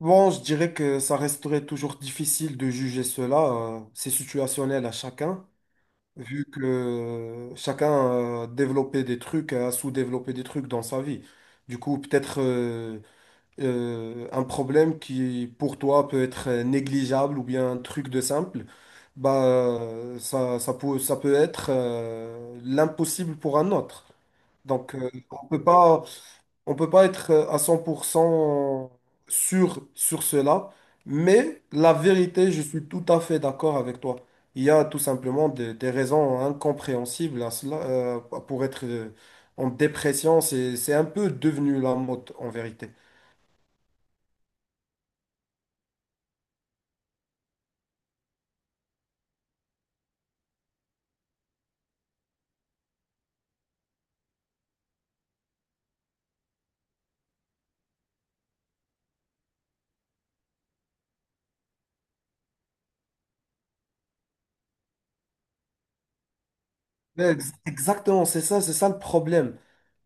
Bon, je dirais que ça resterait toujours difficile de juger cela. C'est situationnel à chacun, vu que chacun a développé des trucs, a sous-développé des trucs dans sa vie. Du coup, peut-être un problème qui, pour toi, peut être négligeable ou bien un truc de simple, bah, ça peut être l'impossible pour un autre. Donc, on peut pas être à 100% sûr sur cela, mais la vérité, je suis tout à fait d'accord avec toi. Il y a tout simplement des raisons incompréhensibles à cela. Pour être en dépression, c'est un peu devenu la mode en vérité. Mais exactement, c'est ça le problème.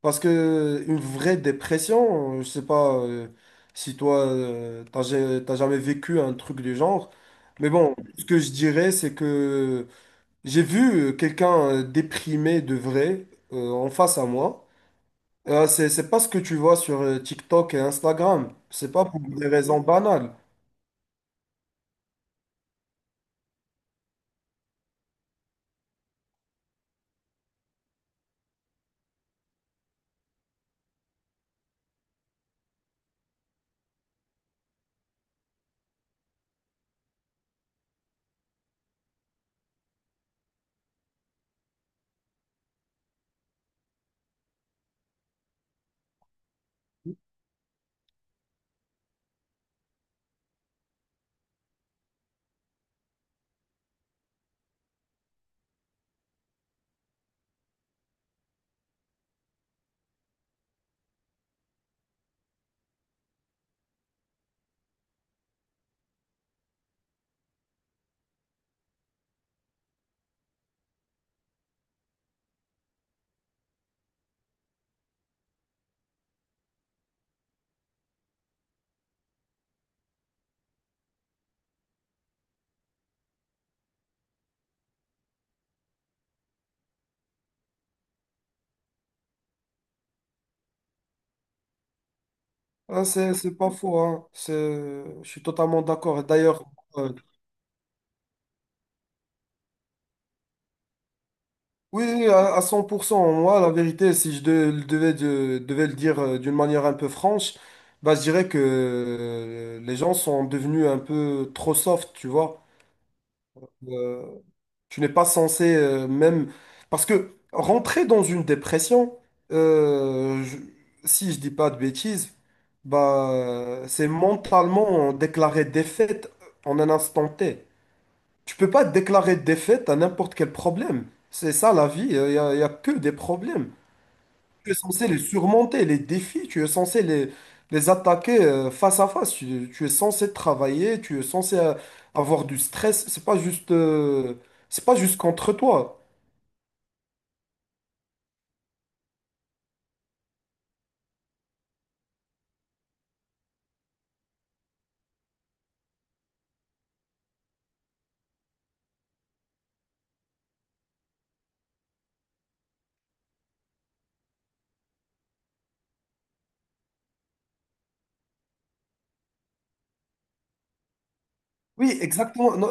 Parce que une vraie dépression, je sais pas si toi, t'as jamais vécu un truc du genre, mais bon, ce que je dirais, c'est que j'ai vu quelqu'un déprimé de vrai en face à moi. C'est pas ce que tu vois sur TikTok et Instagram. C'est pas pour des raisons banales. Ah, c'est pas faux, hein. Je suis totalement d'accord. D'ailleurs, euh, oui, oui, à 100%, moi, la vérité, si je devais le dire d'une manière un peu franche, bah, je dirais que les gens sont devenus un peu trop soft, tu vois. Euh, Tu n'es pas censé même... Parce que rentrer dans une dépression, euh, je- si je dis pas de bêtises, bah, c'est mentalement déclarer défaite en un instant T. Tu peux pas déclarer défaite à n'importe quel problème. C'est ça la vie, y a que des problèmes. Tu es censé les surmonter, les défis, tu es censé les attaquer face à face. Tu es censé travailler, tu es censé avoir du stress. C'est pas juste contre toi. Oui, exactement. Non,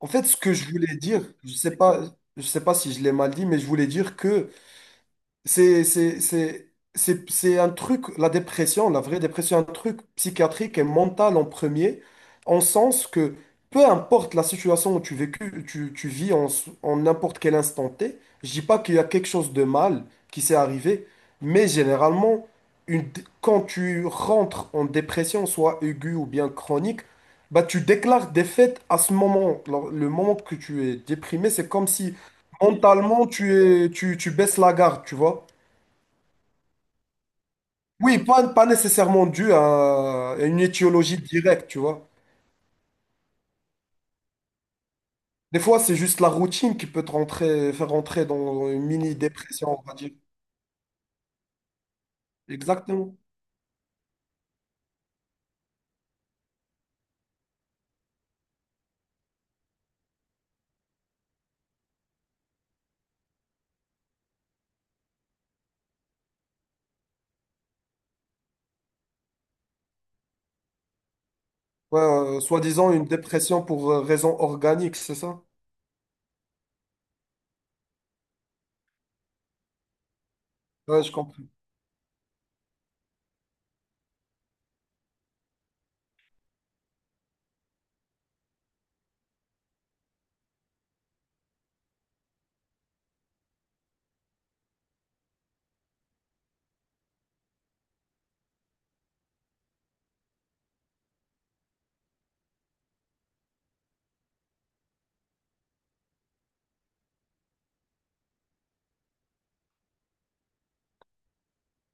en fait, ce que je voulais dire, je sais pas, si je l'ai mal dit, mais je voulais dire que c'est, c'est, c'est, c'est un truc, la dépression, la vraie dépression, un truc psychiatrique et mental en premier, en sens que peu importe la situation où tu vis en, en n'importe quel instant T, je dis pas qu'il y a quelque chose de mal qui s'est arrivé, mais généralement, quand tu rentres en dépression, soit aiguë ou bien chronique, bah tu déclares défaite à ce moment. Alors, le moment que tu es déprimé, c'est comme si mentalement tu baisses la garde, tu vois. Oui, pas nécessairement dû à une étiologie directe, tu vois. Des fois, c'est juste la routine qui peut te rentrer, faire rentrer dans une mini-dépression, on va dire. Exactement. Ouais, soi-disant une dépression pour raison organique, c'est ça? Ouais, je comprends.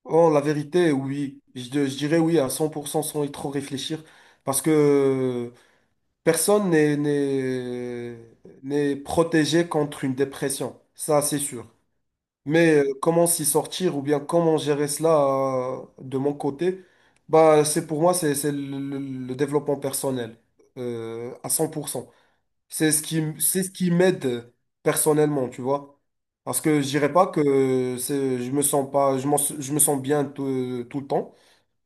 Oh, la vérité, oui. Je dirais oui à 100% sans y trop réfléchir. Parce que personne n'est protégé contre une dépression. Ça, c'est sûr. Mais comment s'y sortir ou bien comment gérer cela de mon côté, bah, c'est pour moi, le développement personnel à 100%. C'est ce qui m'aide personnellement, tu vois. Parce que je dirais pas que c'est, je me sens pas, je me sens bien tout, tout le temps.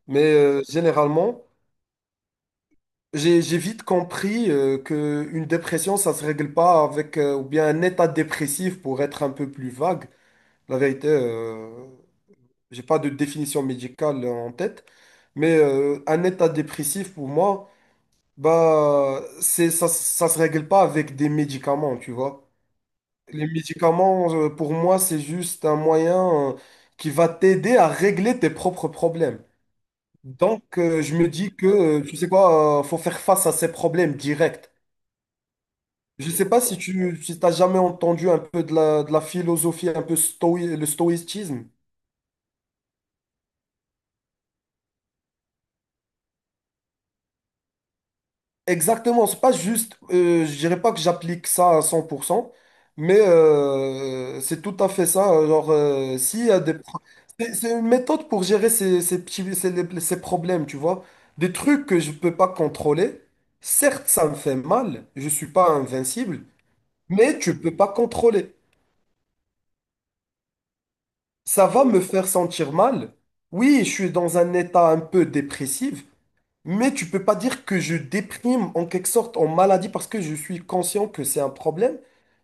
Mais généralement, j'ai vite compris que une dépression, ça se règle pas avec, ou bien un état dépressif pour être un peu plus vague. La vérité. J'ai pas de définition médicale en tête, mais un état dépressif pour moi, bah c'est ça, ça se règle pas avec des médicaments, tu vois. Les médicaments, pour moi, c'est juste un moyen qui va t'aider à régler tes propres problèmes. Donc, je me dis que, tu sais quoi, faut faire face à ces problèmes directs. Je sais pas si t'as jamais entendu un peu de la philosophie, le stoïcisme. Exactement, c'est pas juste, je dirais pas que j'applique ça à 100%, mais c'est tout à fait ça. Genre, s'il y a des... c'est une méthode pour gérer ces petits, ces problèmes, tu vois. Des trucs que je peux pas contrôler, certes, ça me fait mal, je suis pas invincible, mais tu peux pas contrôler. Ça va me faire sentir mal. Oui, je suis dans un état un peu dépressif, mais tu peux pas dire que je déprime en quelque sorte en maladie parce que je suis conscient que c'est un problème.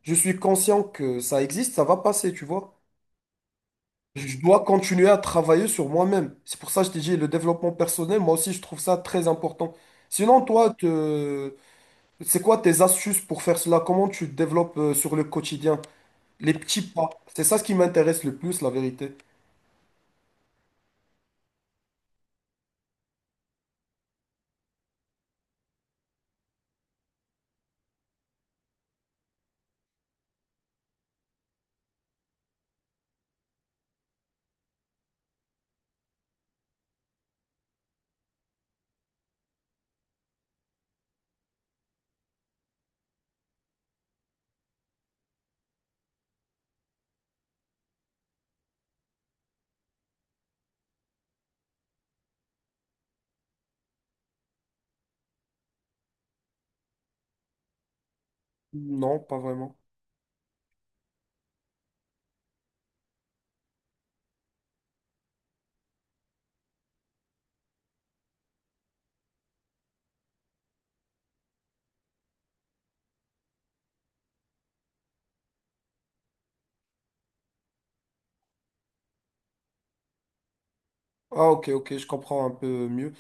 Je suis conscient que ça existe, ça va passer, tu vois. Je dois continuer à travailler sur moi-même. C'est pour ça que je t'ai dit le développement personnel, moi aussi je trouve ça très important. Sinon, toi, c'est quoi tes astuces pour faire cela? Comment tu te développes sur le quotidien? Les petits pas. C'est ça ce qui m'intéresse le plus, la vérité. Non, pas vraiment. Ah, ok, ok, je comprends un peu mieux.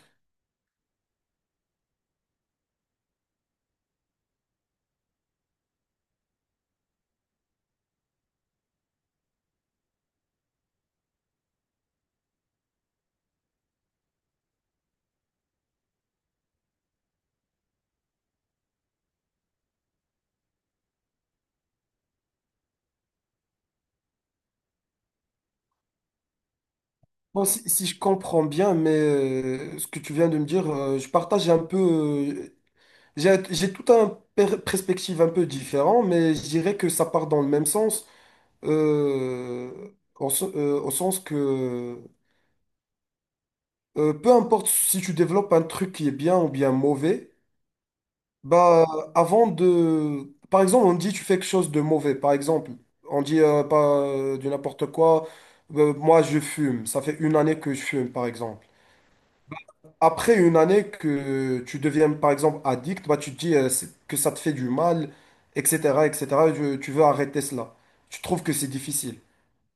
Bon, si je comprends bien, mais ce que tu viens de me dire, je partage un peu. J'ai tout un perspective un peu différent, mais je dirais que ça part dans le même sens, euh, au sens que peu importe si tu développes un truc qui est bien ou bien mauvais, bah avant de, par exemple, on dit tu fais quelque chose de mauvais, par exemple, on dit pas du n'importe quoi, moi je fume, ça fait une année que je fume, par exemple. Après une année que tu deviens par exemple addict, bah, tu te dis que ça te fait du mal, etc., etc. Tu veux arrêter cela. Tu trouves que c'est difficile.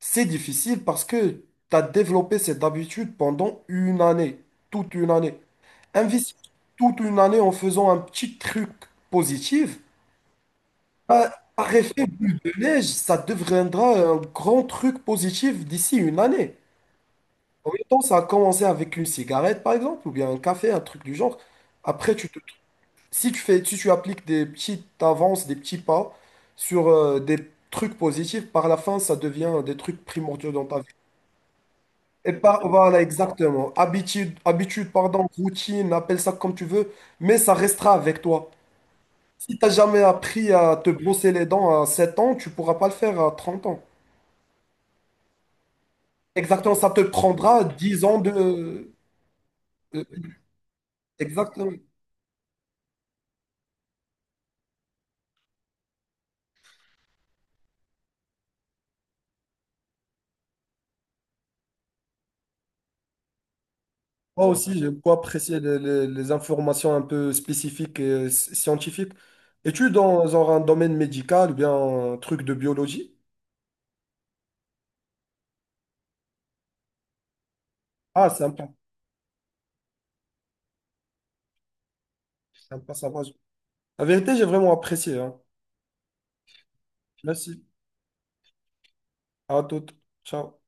C'est difficile parce que tu as développé cette habitude pendant une année, toute une année. Investir toute une année en faisant un petit truc positif, bah, par effet boule de neige, ça deviendra un grand truc positif d'ici une année. En même temps, ça a commencé avec une cigarette, par exemple, ou bien un café, un truc du genre. Après, tu te... si tu appliques des petites avances, des petits pas sur des trucs positifs, par la fin, ça devient des trucs primordiaux dans ta vie. Voilà, exactement. Habitude, pardon, routine, appelle ça comme tu veux, mais ça restera avec toi. Si t'as jamais appris à te brosser les dents à 7 ans, tu pourras pas le faire à 30 ans. Exactement, ça te prendra 10 ans de... Exactement. Moi aussi, j'ai beaucoup apprécié les informations un peu spécifiques et scientifiques. Es-tu dans, genre, un domaine médical ou bien un truc de biologie? Ah, sympa, sympa, sympa. La vérité, j'ai vraiment apprécié, hein. Merci. À toute. Ciao.